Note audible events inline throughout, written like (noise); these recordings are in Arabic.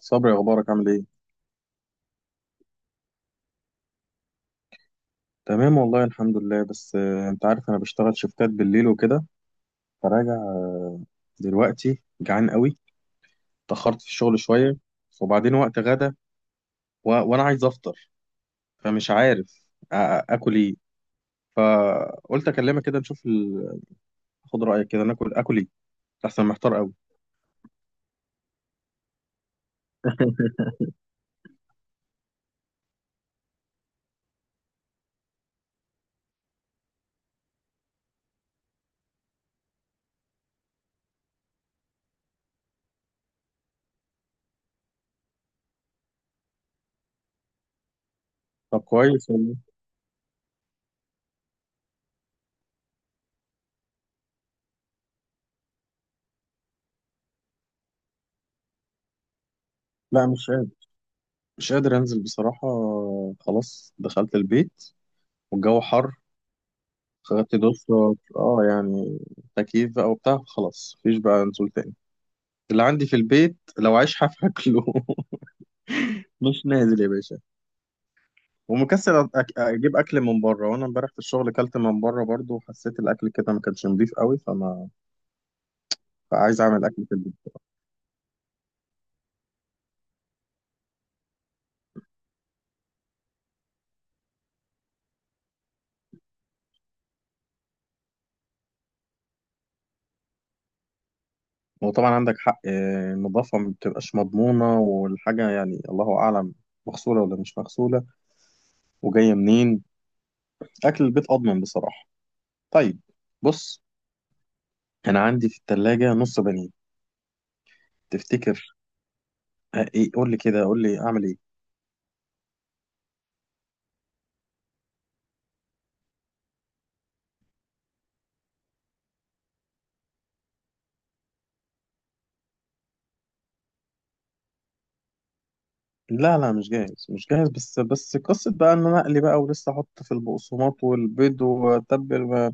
صبري، اخبارك؟ عامل ايه؟ تمام والله الحمد لله. بس انت عارف انا بشتغل شفتات بالليل وكده، فراجع. دلوقتي جعان قوي. اتاخرت في الشغل شويه وبعدين وقت غدا وانا عايز افطر، فمش عارف اكل ايه. فقلت اكلمك كده نشوف خد رايك كده ناكل اكل ايه، احسن محتار قوي. طب كويس والله. لا مش قادر، مش قادر انزل بصراحه. خلاص دخلت البيت والجو حر، خدت دش. اه يعني تكييف بقى وبتاع، خلاص مفيش بقى نزول تاني. اللي عندي في البيت لو عايش هاكله. (laughs) مش نازل يا باشا. ومكسل اجيب اكل من بره، وانا امبارح في الشغل كلت من بره برضو وحسيت الاكل كده ما كانش نضيف قوي، فعايز اعمل اكل في البيت. وطبعا عندك حق. النظافه ما بتبقاش مضمونه، والحاجه يعني الله اعلم مغسوله ولا مش مغسوله، وجايه منين. اكل البيت اضمن بصراحه. طيب بص، انا عندي في الثلاجه نص بانيه. تفتكر؟ ايه، قول لي كده، قول لي اعمل ايه. لا لا مش جاهز مش جاهز. بس قصة بقى ان انا اقلي بقى ولسه احط في البقسماط والبيض واتبل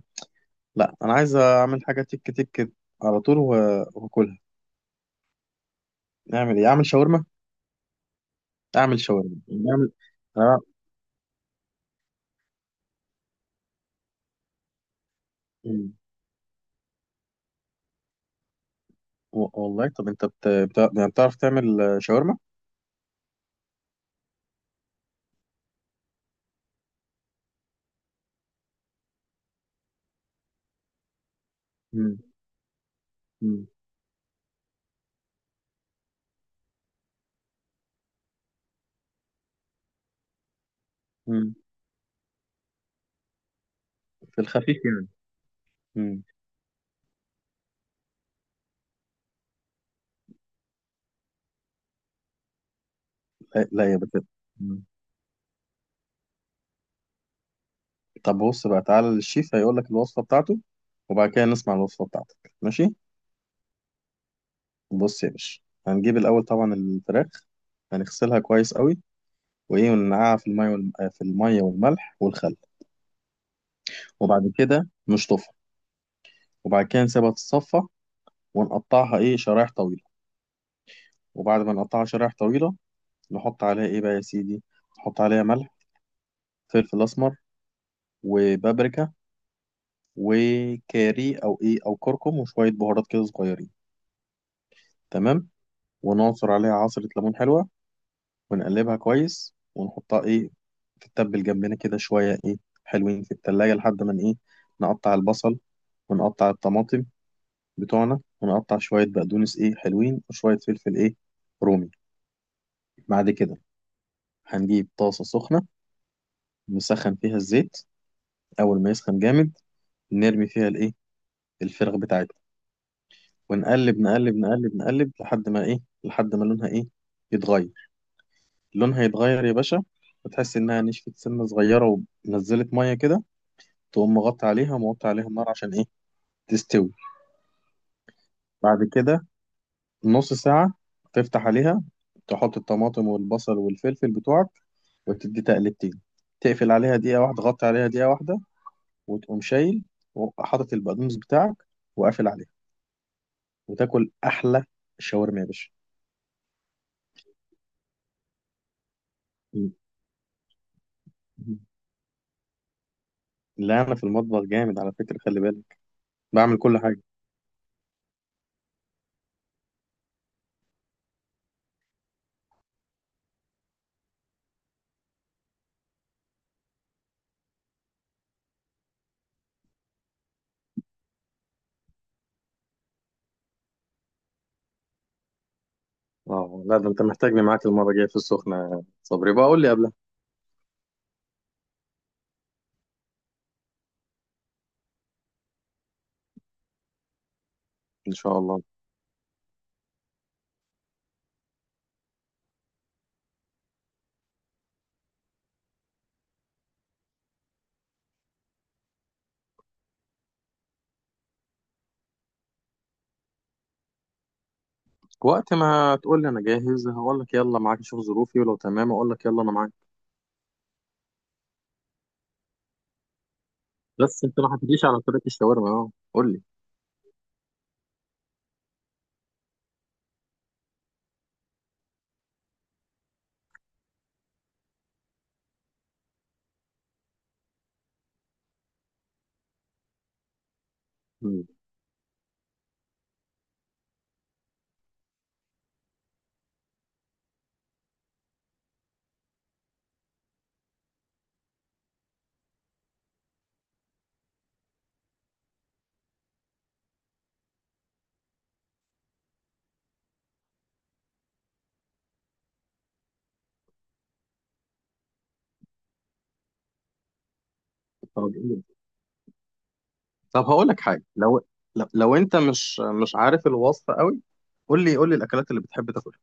لا انا عايز اعمل حاجة تك تك على طول واكلها. اعمل ايه؟ اعمل شاورما؟ اعمل شاورما؟ اعمل انا. مم. والله، طب انت يعني بتعرف تعمل شاورما؟ مم. مم. مم. في الخفيف يعني. مم. لا لا يا بت... مم. طب بص بقى، تعالى للشيف هيقول لك الوصفة بتاعته، وبعد كده نسمع الوصفة بتاعتك، ماشي؟ بص يا باشا، هنجيب الاول طبعا الفراخ، هنغسلها كويس قوي وايه وننقعها في الميه والم... آه، في الميه والملح والخل. وبعد كده نشطفها، وبعد كده نسيبها تتصفى ونقطعها ايه، شرايح طويله. وبعد ما نقطعها شرايح طويله، نحط عليها ايه بقى يا سيدي، نحط عليها ملح، فلفل اسمر، وبابريكا، وكاري او ايه او كركم، وشويه بهارات كده صغيرين. تمام. ونعصر عليها عصره ليمون حلوه، ونقلبها كويس، ونحطها ايه، تتبل جنبنا كده شوية ايه، حلوين في التلاجة، لحد ما ايه، نقطع البصل ونقطع الطماطم بتوعنا، ونقطع شوية بقدونس ايه حلوين وشوية فلفل ايه رومي. بعد كده هنجيب طاسة سخنة، نسخن فيها الزيت. أول ما يسخن جامد، نرمي فيها الايه، الفراخ بتاعتنا. ونقلب نقلب نقلب نقلب لحد ما ايه، لحد ما لونها ايه يتغير، لونها يتغير يا باشا، وتحس انها نشفت سنة صغيرة ونزلت مية كده، تقوم مغطي عليها وموطي عليها النار عشان ايه تستوي. بعد كده نص ساعة تفتح عليها، تحط الطماطم والبصل والفلفل بتوعك، وتدي تقلبتين، تقفل عليها دقيقة واحدة، غطي عليها دقيقة واحدة، وتقوم شايل وحاطط البقدونس بتاعك وقافل عليها، وتاكل أحلى شاورما يا باشا. مم. لا أنا في المطبخ جامد على فكرة، خلي بالك، بعمل كل حاجة. اه لا ده انت محتاجني معاك المرة الجاية في السخنة يا صبري، بقى قول لي قبلها. ان شاء الله. وقت ما تقول لي انا جاهز، هقول لك يلا معاك، اشوف ظروفي ولو تمام اقول لك يلا انا معاك. بس انت ما حكيتليش على طريقه الشاورما، اه قول لي. مم. طب قول لي. طب هقول لك حاجه، لو لو انت مش مش عارف الوصفه قوي، قول لي، قول لي الاكلات اللي بتحب تاكلها،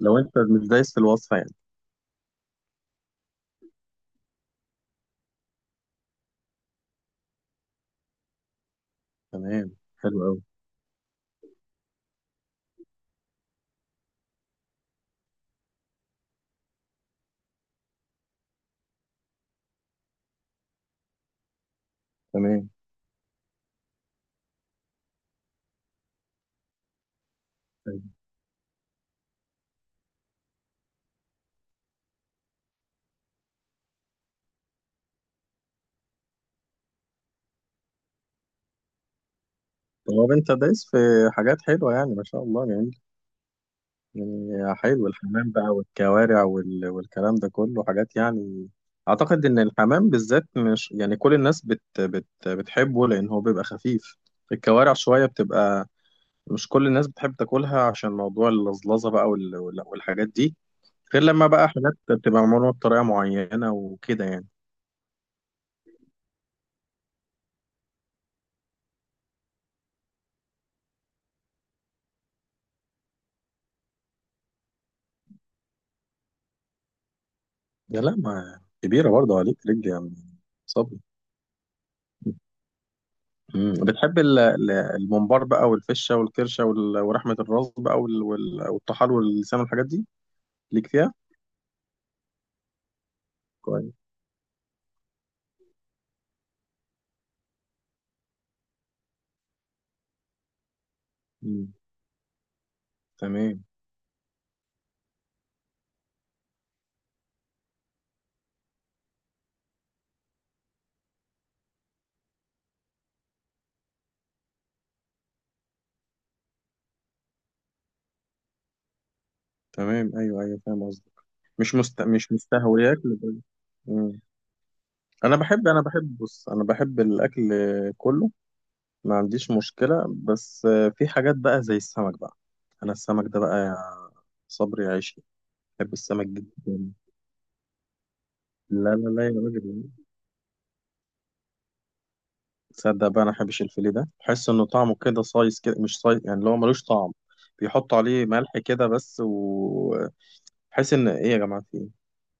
لو انت مش دايس في الوصفه يعني. تمام، حلو قوي. تمام. طيب. طب انت دايس في حاجات حلوه يعني ما شاء الله يعني. يعني حلو، الحمام بقى والكوارع والكلام ده كله حاجات يعني. أعتقد إن الحمام بالذات مش يعني كل الناس بتحبه، لأن هو بيبقى خفيف. الكوارع شوية بتبقى مش كل الناس بتحب تاكلها، عشان موضوع اللزلزة بقى والحاجات دي، غير لما بقى حاجات بتبقى معمولة بطريقة معينة وكده يعني. يا لا ما كبيرة برضه عليك رجلي يا عم صبري. مم. بتحب الممبار بقى والفشه والكرشه ورحمه الراس بقى والطحال واللسان والحاجات دي، ليك فيها؟ كويس. مم. تمام. تمام ايوه ايوه فاهم قصدك. مش مستهوياك مم. انا بحب، بص انا بحب الاكل كله، ما عنديش مشكله. بس في حاجات بقى زي السمك بقى. انا السمك ده بقى يا صبري عيشي، بحب السمك جدا. لا لا لا يا راجل. تصدق بقى انا بحبش الفيليه، ده بحس انه طعمه كده صايص، كده مش صايص يعني، اللي هو ملوش طعم. بيحطوا عليه ملح كده بس. وبحس ان ايه يا جماعه، في ايه،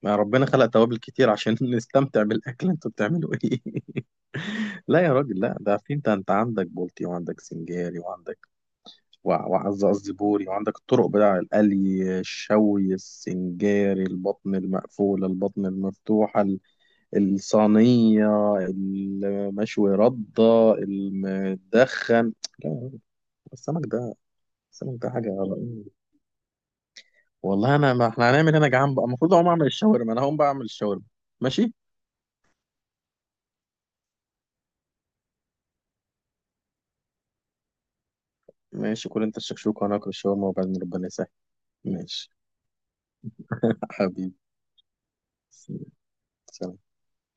ما ربنا خلق توابل كتير عشان (laughs) نستمتع بالاكل، انتوا بتعملوا ايه؟ (laughs) لا يا راجل لا، ده في، انت انت عندك بولتي، وعندك سنجاري، وعندك قصدي بوري، وعندك الطرق بتاع القلي، الشوي، السنجاري، البطن المقفوله، البطن المفتوحه، الصينية، المشوي، ردة، المدخن. لا، السمك ده، السمك ده حاجة. والله انا، ما احنا هنعمل هنا، جعان بقى، المفروض اقوم اعمل الشاورما، انا هقوم بقى اعمل الشاورما. ماشي. ماشي كل انت الشكشوك وانا اكل الشاورما، وبعدين ربنا يسهل. ماشي. (laughs) حبيبي. سلام.